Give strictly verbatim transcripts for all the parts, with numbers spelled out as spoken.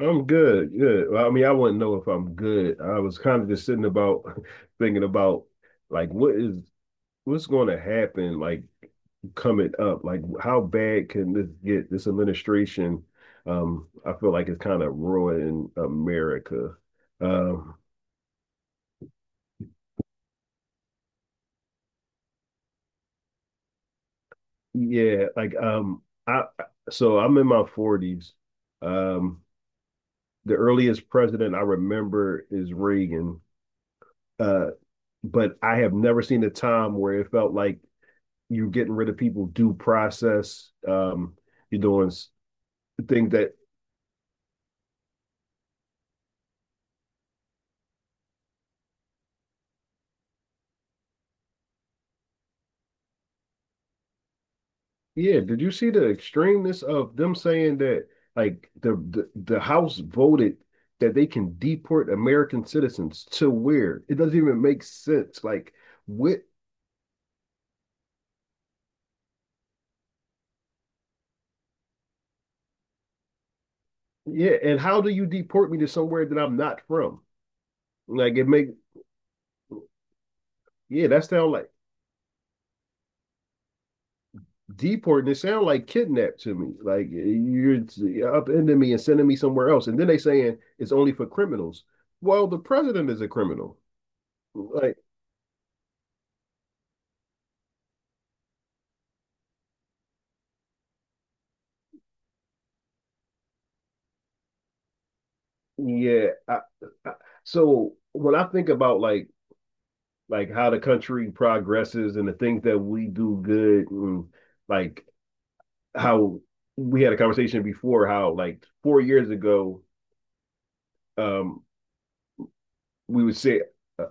I'm good, good. Well, I mean, I wouldn't know if I'm good. I was kind of just sitting about thinking about like what is what's going to happen, like coming up. Like how bad can this get? This administration, um, I feel like it's kind of ruining America. Um, yeah, like um, I so I'm in my forties. Um, the earliest president I remember is Reagan. Uh, but I have never seen a time where it felt like you're getting rid of people due process. Um, you're doing things that yeah. Did you see the extremeness of them saying that like the the, the House voted that they can deport American citizens to where it doesn't even make sense. Like what? Yeah, and how do you deport me to somewhere that I'm not from? Like it make yeah. That sound like deporting, it sounds like kidnapped to me. Like you're upending me and sending me somewhere else. And then they saying it's only for criminals. Well, the president is a criminal. Like, yeah. I, I, so when I think about like like how the country progresses and the things that we do good and like how we had a conversation before how like four years ago um we would say uh,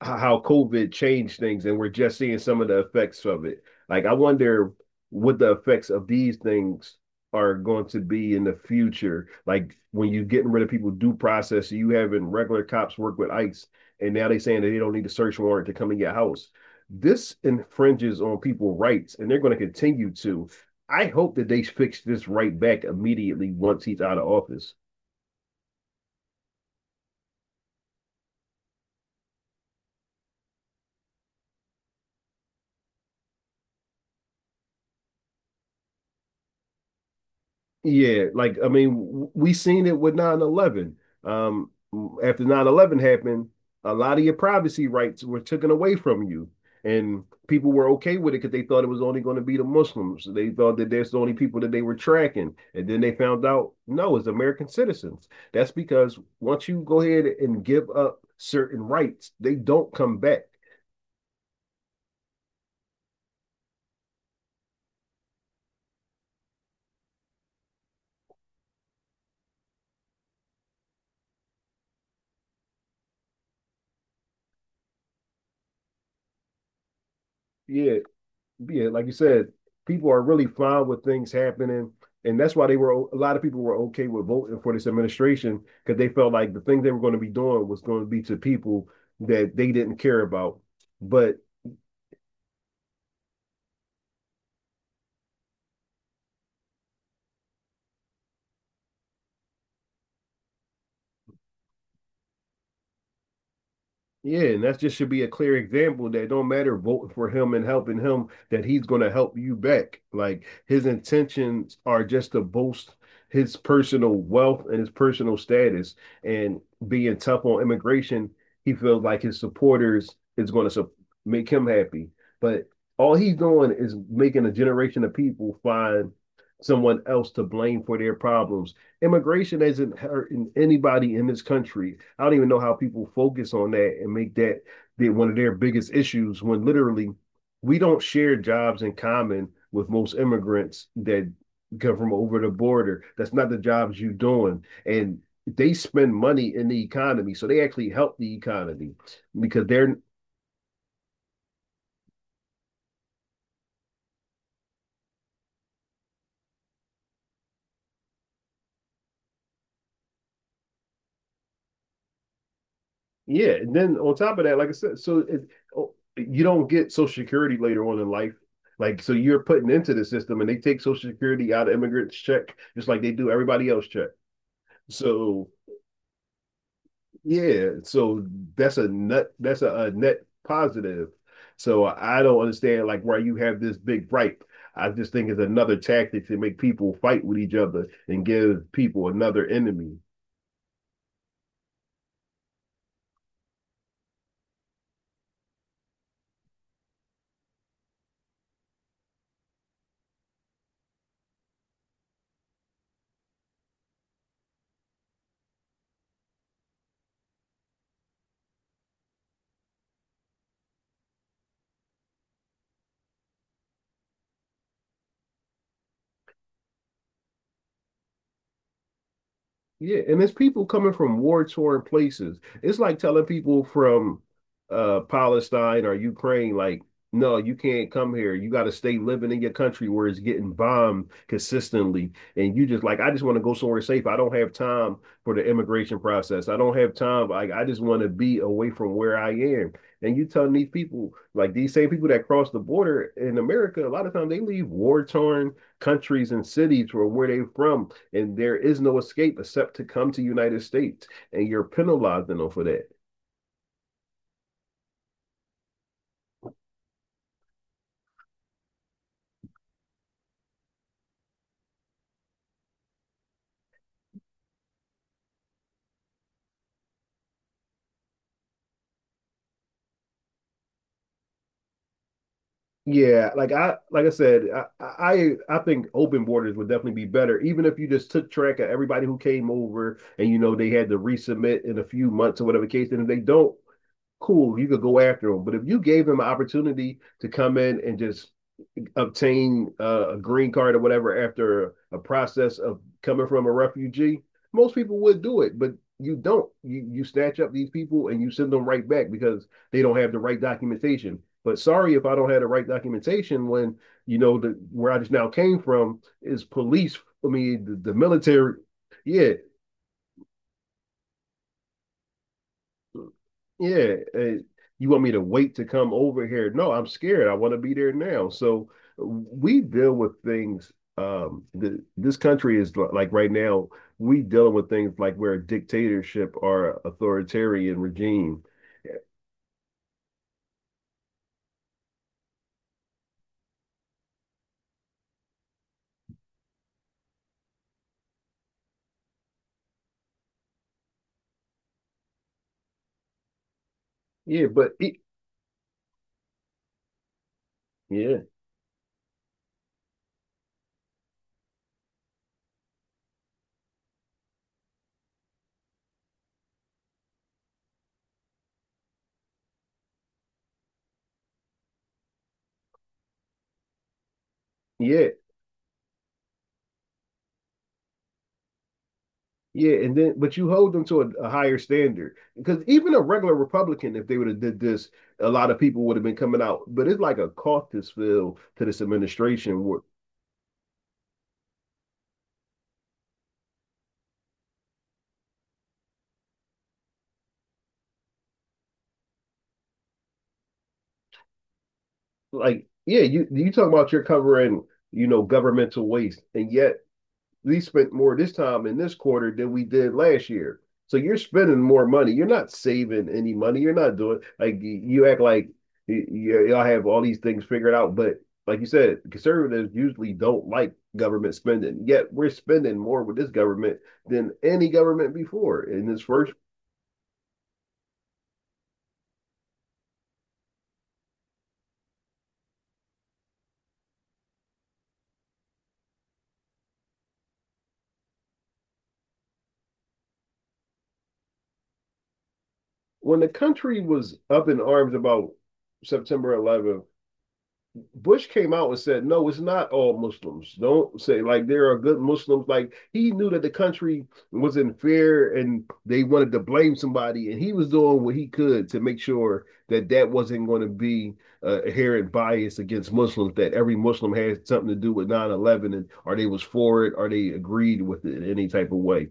how COVID changed things, and we're just seeing some of the effects of it. Like, I wonder what the effects of these things are going to be in the future. Like, when you're getting rid of people due process, you having regular cops work with ICE, and now they're saying that they don't need a search warrant to come in your house. This infringes on people's rights, and they're going to continue to. I hope that they fix this right back immediately once he's out of office. Yeah, like I mean, we seen it with nine eleven. Um, after nine eleven happened, a lot of your privacy rights were taken away from you, and people were okay with it because they thought it was only going to be the Muslims. They thought that that's the only people that they were tracking, and then they found out no, it's American citizens. That's because once you go ahead and give up certain rights, they don't come back. Yeah, yeah, like you said, people are really fine with things happening, and that's why they were a lot of people were okay with voting for this administration because they felt like the thing they were going to be doing was going to be to people that they didn't care about. But yeah, and that just should be a clear example that don't matter voting for him and helping him, that he's going to help you back. Like his intentions are just to boast his personal wealth and his personal status. And being tough on immigration, he feels like his supporters is going to su- make him happy. But all he's doing is making a generation of people find someone else to blame for their problems. Immigration isn't hurting anybody in this country. I don't even know how people focus on that and make that the, one of their biggest issues when literally we don't share jobs in common with most immigrants that come from over the border. That's not the jobs you're doing. And they spend money in the economy. So they actually help the economy because they're, yeah. And then on top of that, like I said, so it, oh, you don't get Social Security later on in life. Like, so you're putting into the system and they take Social Security out of immigrants' check, just like they do everybody else check. So yeah, so that's a net that's a, a net positive. So I don't understand like why you have this big gripe. I just think it's another tactic to make people fight with each other and give people another enemy. Yeah, and it's people coming from war-torn places. It's like telling people from uh Palestine or Ukraine, like, no, you can't come here. You got to stay living in your country where it's getting bombed consistently. And you just like, I just want to go somewhere safe. I don't have time for the immigration process. I don't have time. Like, I just want to be away from where I am. And you telling these people, like these same people that cross the border in America, a lot of times they leave war-torn countries and cities where where they're from and there is no escape except to come to United States, and you're penalizing them for that. Yeah, like I like I said, I I I think open borders would definitely be better, even if you just took track of everybody who came over and you know they had to resubmit in a few months or whatever case, and if they don't, cool, you could go after him. But if you gave him an opportunity to come in and just obtain uh, a green card or whatever after a process of coming from a refugee, most people would do it. But you don't. You you snatch up these people and you send them right back because they don't have the right documentation. But sorry if I don't have the right documentation when you know the where I just now came from is police. I mean the, the military. Yeah, yeah, eh, you want me to wait to come over here? No, I'm scared. I want to be there now. So we deal with things. Um, the, this country is li- like right now, we dealing with things like we're a dictatorship or authoritarian regime. Yeah, but it, yeah, yeah, yeah. And then, but you hold them to a, a higher standard because even a regular Republican, if they would have did this, a lot of people would have been coming out. But it's like a caucus feel to this administration. Like yeah, you you talk about you're covering you know governmental waste, and yet we spent more this time in this quarter than we did last year. So you're spending more money. You're not saving any money. You're not doing like you act like y- y'all have all these things figured out, but like you said, conservatives usually don't like government spending. Yet we're spending more with this government than any government before. In this first, when the country was up in arms about September eleventh, Bush came out and said, no, it's not all Muslims. Don't say like there are good Muslims. Like he knew that the country was in fear and they wanted to blame somebody. And he was doing what he could to make sure that that wasn't going to be uh, inherent bias against Muslims, that every Muslim had something to do with nine eleven, and or they was for it or they agreed with it in any type of way.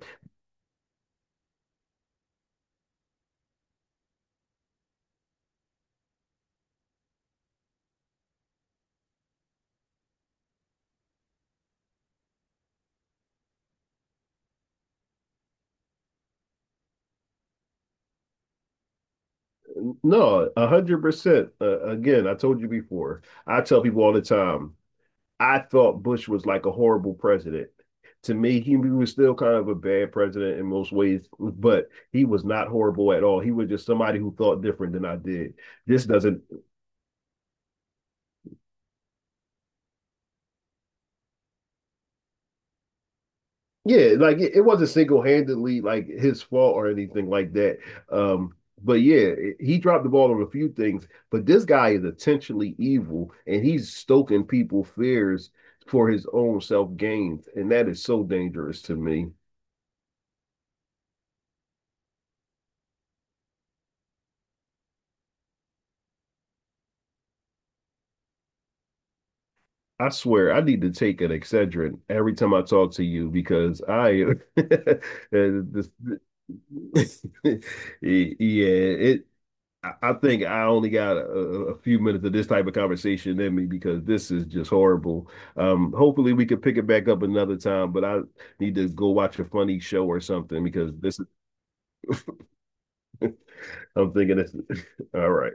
No, one hundred percent. Uh, again, I told you before, I tell people all the time, I thought Bush was like a horrible president. To me, he, was still kind of a bad president in most ways, but he was not horrible at all. He was just somebody who thought different than I did. This doesn't, yeah, like it, it wasn't single handedly like his fault or anything like that. Um, but yeah, it, he dropped the ball on a few things. But this guy is intentionally evil, and he's stoking people fears for his own self gains, and that is so dangerous to me. I swear I need to take an Excedrin every time I talk to you because I this, yeah it I I think I only got a, a few minutes of this type of conversation in me because this is just horrible. Um, hopefully we can pick it back up another time, but I need to go watch a funny show or something because this is, I'm thinking this is all right.